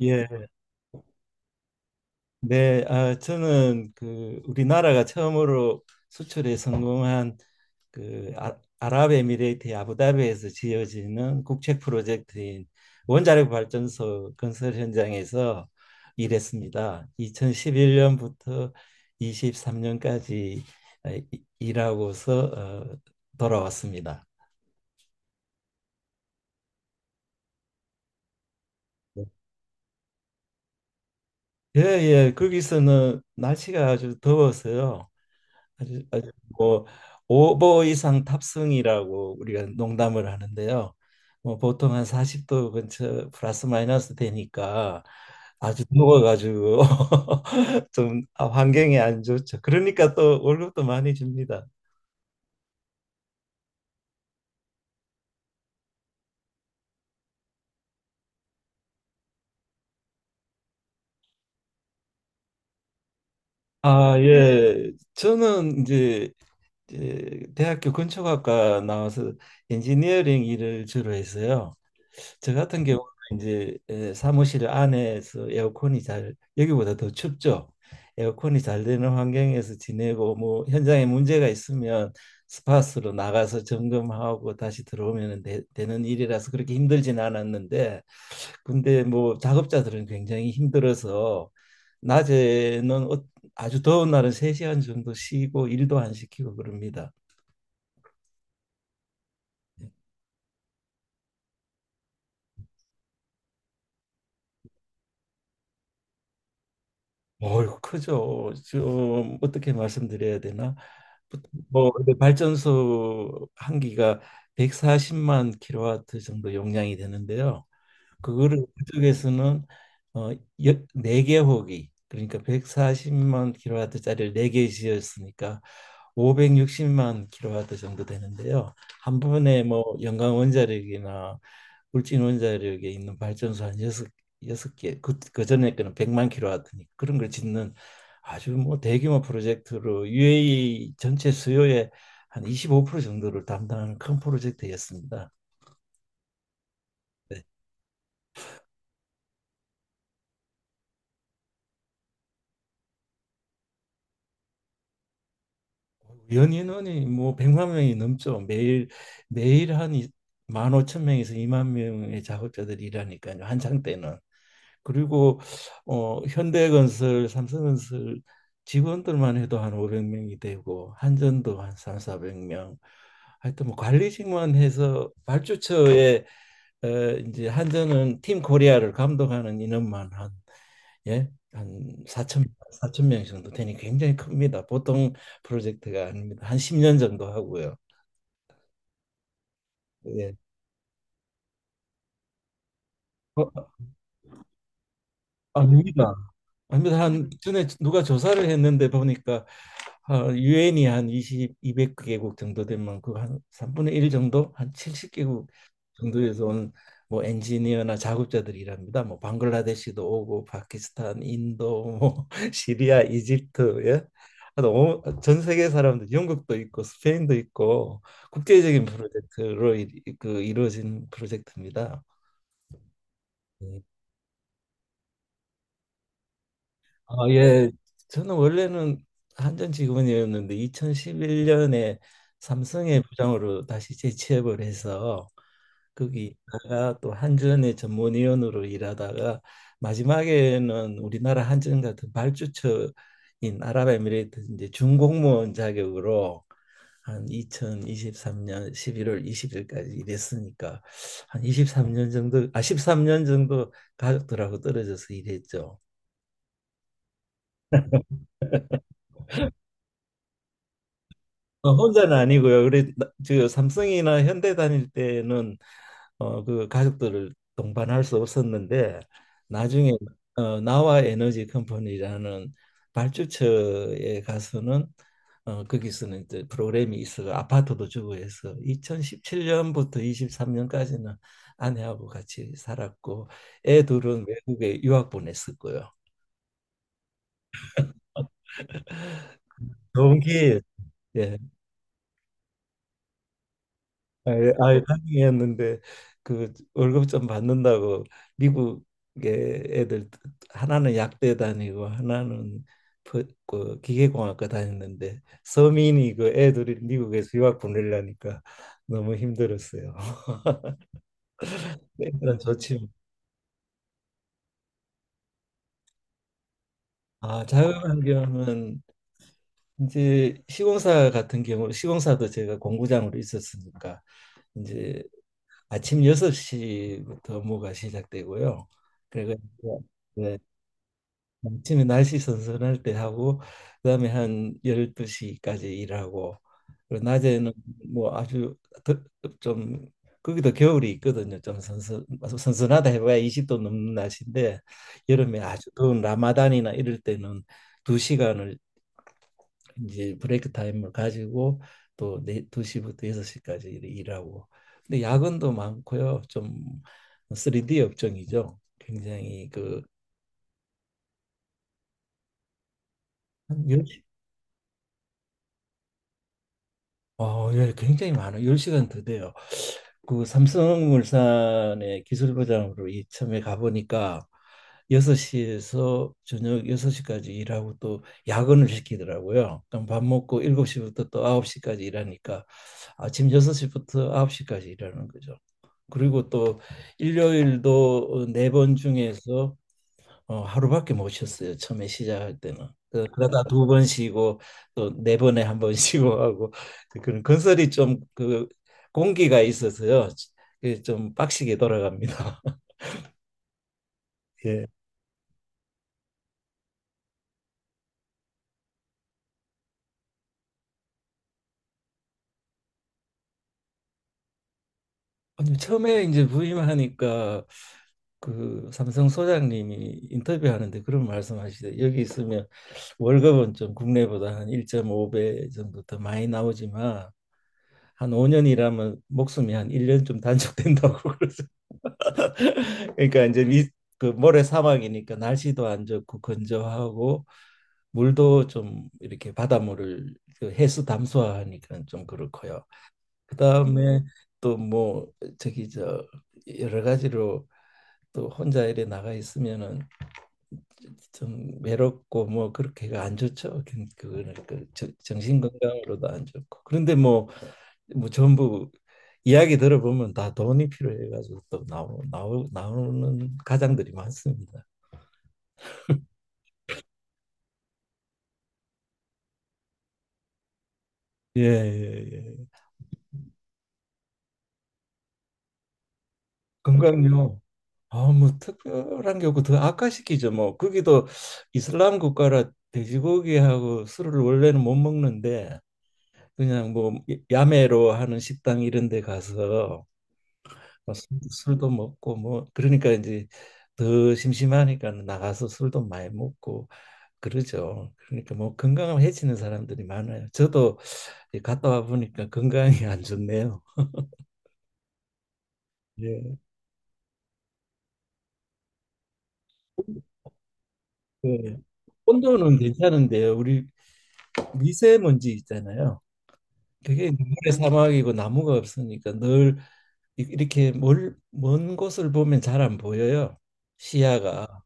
예, 네, 저는 그 우리나라가 처음으로 수출에 성공한 그 아랍에미레이트의 아부다비에서 지어지는 국책 프로젝트인 원자력 발전소 건설 현장에서 일했습니다. 2011년부터 23년까지 일하고서 어, 돌아왔습니다. 예, 예, 거기서는 날씨가 아주 더워서요. 아주 아주 뭐 5보 이상 탑승이라고 우리가 농담을 하는데요. 뭐 보통 한 40도 근처 플러스 마이너스 되니까 아주 누워가지고 좀 환경이 안 좋죠. 그러니까 또 월급도 많이 줍니다. 예. 저는 이제 대학교 건축학과 나와서 엔지니어링 일을 주로 했어요. 저 같은 경우는 이제 사무실 안에서 에어컨이 잘 여기보다 더 춥죠. 에어컨이 잘 되는 환경에서 지내고 뭐 현장에 문제가 있으면 스팟으로 나가서 점검하고 다시 들어오면 되는 일이라서 그렇게 힘들진 않았는데 근데 뭐 작업자들은 굉장히 힘들어서 낮에는 아주 더운 날은 세시간 정도 쉬고 일도 안 시키고 그럽니다. 어휴, 크죠. 좀 어떻게 말씀드려야 되나? 뭐 뭐 근데 발전소 한 기가 140만 킬로와트 정도 용량이 되는데요. 그거를 그쪽에서는 어, 네개 호기 그러니까 140만 킬로와트짜리를 네개 지었으니까 560만 킬로와트 정도 되는데요. 한 번에 뭐연광 원자력이나 울진 원자력에 있는 발전소 한 여섯 개, 그 전에 거는 100만 킬로와트니까 그런 걸 짓는 아주 뭐 대규모 프로젝트로 UAE 전체 수요의 한 25% 정도를 담당하는 큰 프로젝트였습니다. 네. 연인원이 뭐 100만 명이 넘죠. 매일 매일 한 1 5천명에서 2만 명의 작업자들이 일하니까요. 한창 때는. 그리고 현대건설, 삼성건설 직원들만 해도 한5백명이 되고 한전도 한 3, 4백명 하여튼 뭐 관리직만 해서 발주처에 어, 이제 한전은 팀 코리아를 감독하는 인원만 한 예? 한 4천 사천 명 정도 되니 굉장히 큽니다. 보통 프로젝트가 아닙니다. 한 10년 정도 하고요. 예. 어, 아닙니다. 아닙니다. 한 전에 누가 조사를 했는데 보니까 유엔이 한 200개국 정도 되면 그 한 3분의 1 정도 한 70개국 정도에서 온 뭐 엔지니어나 작업자들이랍니다. 뭐 방글라데시도 오고 파키스탄, 인도, 뭐 시리아, 이집트, 예. 하여튼 전 세계 사람들 영국도 있고 스페인도 있고 국제적인 프로젝트로 그 이루어진 프로젝트입니다. 네. 예. 저는 원래는 한전 직원이었는데 2011년에 삼성의 부장으로 다시 재취업을 해서 거기 있다가 또 한전의 전문위원으로 일하다가 마지막에는 우리나라 한전 같은 발주처인 아랍에미레이트 이제 준공무원 자격으로 한 2023년 11월 20일까지 일했으니까 한 23년 정도 13년 정도 가족들하고 떨어져서 일했죠. 혼자는 아니고요. 그래 저 삼성이나 현대 다닐 때는 그 가족들을 동반할 수 없었는데 나중에 나와 에너지 컴퍼니라는 발주처에 가서는 거기서는 이제 프로그램이 있어서 아파트도 주고 해서 2017년부터 23년까지는 아내하고 같이 살았고 애 둘은 외국에 유학 보냈었고요. 좋은 기회. 예. 아예 아예 다행이었는데 그 월급 좀 받는다고 미국에 애들 하나는 약대 다니고 하나는 그 기계공학과 다녔는데 서민이 그 애들이 미국에서 유학 보내려니까 너무 힘들었어요. 일단 좋지 자유환경은 이제 시공사 같은 경우 시공사도 제가 공구장으로 있었으니까 이제 아침 6시부터 업무가 시작되고요. 그리고 아침에 날씨 선선할 때 하고 그다음에 한 12시까지 일하고 그리고 낮에는 뭐 아주 더- 좀 거기도 겨울이 있거든요. 좀 선선하다 해봐야 20도 넘는 날씨인데 여름에 아주 더운 라마단이나 이럴 때는 두시간을 이제 브레이크 타임을 가지고 또 네, 2시부터 6시까지 일하고 근데 야근도 많고요. 좀 3D 업종이죠. 굉장히 예, 굉장히 많아요. 10시간 더 돼요. 그 삼성물산의 기술부장으로 이참에 가보니까 6시에서 저녁 6시까지 일하고 또 야근을 시키더라고요. 그럼 밥 먹고 7시부터 또 9시까지 일하니까 아침 6시부터 9시까지 일하는 거죠. 그리고 또 일요일도 네번 중에서 하루밖에 못 쉬었어요. 처음에 시작할 때는. 그러다 두 번 쉬고 또 네 번에 한 번 쉬고 하고 그런 건설이 좀 그 공기가 있어서요. 그좀 빡시게 돌아갑니다. 예. 아니, 처음에 이제 부임하니까 그 삼성 소장님이 인터뷰하는데 그런 말씀하시대. 여기 있으면 월급은 좀 국내보다 한 1.5배 정도 더 많이 나오지만 한 5년 일하면 목숨이 한 1년 좀 단축된다고 그러더라고요. 그러니까 이제 그 모래 사막이니까 날씨도 안 좋고 건조하고 물도 좀 이렇게 바닷물을 그 해수 담수화하니까 좀 그렇고요. 그다음에 또 뭐 저기 저 여러 가지로 또 혼자 이래 나가 있으면은 좀 외롭고 뭐 그렇게가 안 좋죠. 그거는 그 정신 건강으로도 안 좋고. 그런데 뭐 전부 이야기 들어보면 다 돈이 필요해가지고 또 나오는 가장들이 많습니다. 예, 예, 예. 건강요. 뭐 특별한 게 없고 더 악화시키죠. 뭐 거기도 이슬람 국가라 돼지고기하고 술을 원래는 못 먹는데 그냥 뭐 야매로 하는 식당 이런 데 가서 뭐 술도 먹고 뭐 그러니까 이제 더 심심하니까 나가서 술도 많이 먹고 그러죠. 그러니까 뭐 건강을 해치는 사람들이 많아요. 저도 이 갔다 와 보니까 건강이 안 좋네요. 예. 그 온도는 괜찮은데요. 우리 미세먼지 있잖아요. 그게 눈의 사막이고 나무가 없으니까 늘 이렇게 먼 곳을 보면 잘 안 보여요. 시야가.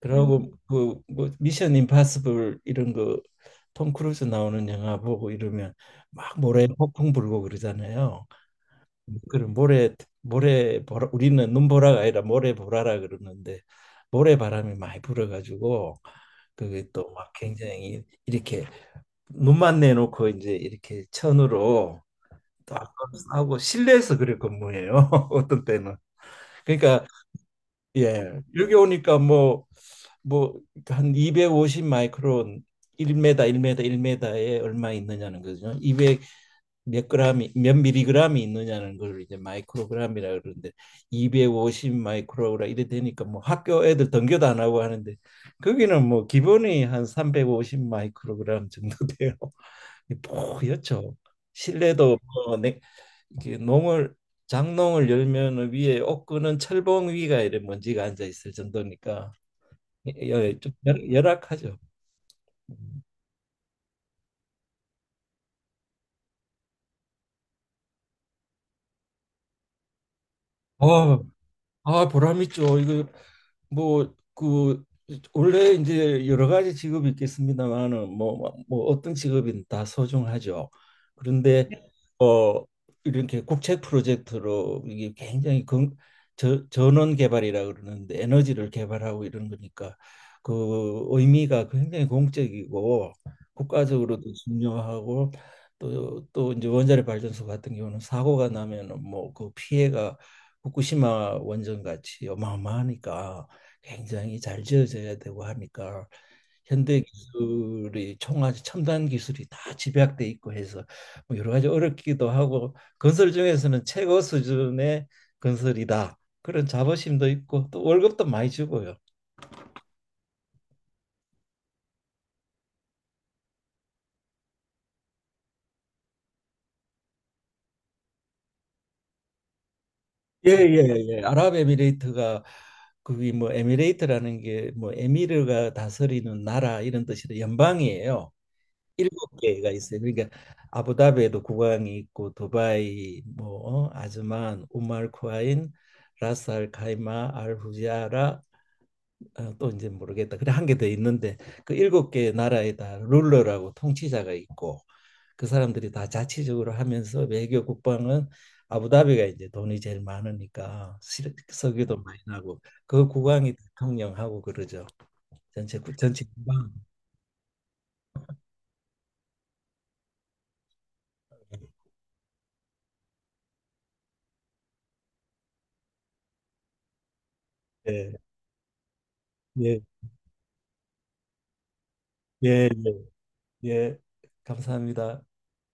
그러고 그뭐 미션 임파서블 이런 거 톰 크루즈 나오는 영화 보고 이러면 막 모래 폭풍 불고 그러잖아요. 그런 모래 보라 우리는 눈보라가 아니라 모래 보라라 그러는데 모래 바람이 많이 불어가지고 그게 또 막 굉장히 이렇게 눈만 내놓고 이제 이렇게 천으로 딱 하고 실내에서 그래 근무해요. 어떤 때는 그러니까 예. 여기 오니까 뭐 한 250 마이크론 1m, 1m, 1m에 얼마 있느냐는 거죠. 200 몇 그램이 몇 밀리그램이 있느냐는 걸 이제 마이크로그램이라 그러는데 250 마이크로라 이래 되니까 뭐 학교 애들 등교도 안 하고 하는데 거기는 뭐 기본이 한 350 마이크로그램 정도 돼요. 뽀얗죠. 실내도 뭐 이렇게 농을 장농을 열면 위에 옷구는 철봉 위가 이래 먼지가 앉아 있을 정도니까 예, 예, 좀 열악하죠. 아, 보람 있죠. 이거 뭐그 원래 이제 여러 가지 직업이 있겠습니다만은 뭐 어떤 직업이든 다 소중하죠. 그런데 어 이렇게 국책 프로젝트로 이게 굉장히 전원 개발이라 그러는데 에너지를 개발하고 이런 거니까 그 의미가 굉장히 공적이고 국가적으로도 중요하고 또 또 이제 원자력 발전소 같은 경우는 사고가 나면은 뭐 그 피해가 후쿠시마 원전 같이 어마어마하니까 굉장히 잘 지어져야 되고 하니까 현대 기술이 총알 첨단 기술이 다 집약돼 있고 해서 뭐 여러 가지 어렵기도 하고 건설 중에서는 최고 수준의 건설이다 그런 자부심도 있고 또 월급도 많이 주고요. 예예예. 예, 예. 아랍에미레이트가 그게 뭐 에미레이트라는 게 뭐 에미르가 다스리는 나라 이런 뜻이라 연방이에요. 일곱 개가 있어요. 그러니까 아부다비에도 국왕이 있고 도바이, 뭐 아즈만, 우말 쿠아인, 라스알 카이마, 알 후지아라 또 이제 모르겠다. 그래 한 개 더 있는데 그 일곱 개 나라에 다 룰러라고 통치자가 있고 그 사람들이 다 자치적으로 하면서 외교 국방은 아부다비가 이제 돈이 제일 많으니까 석유도 많이 나고 그 국왕이 대통령하고 그러죠. 전체 국방. 예, 예, 예, 예. 예, 감사합니다.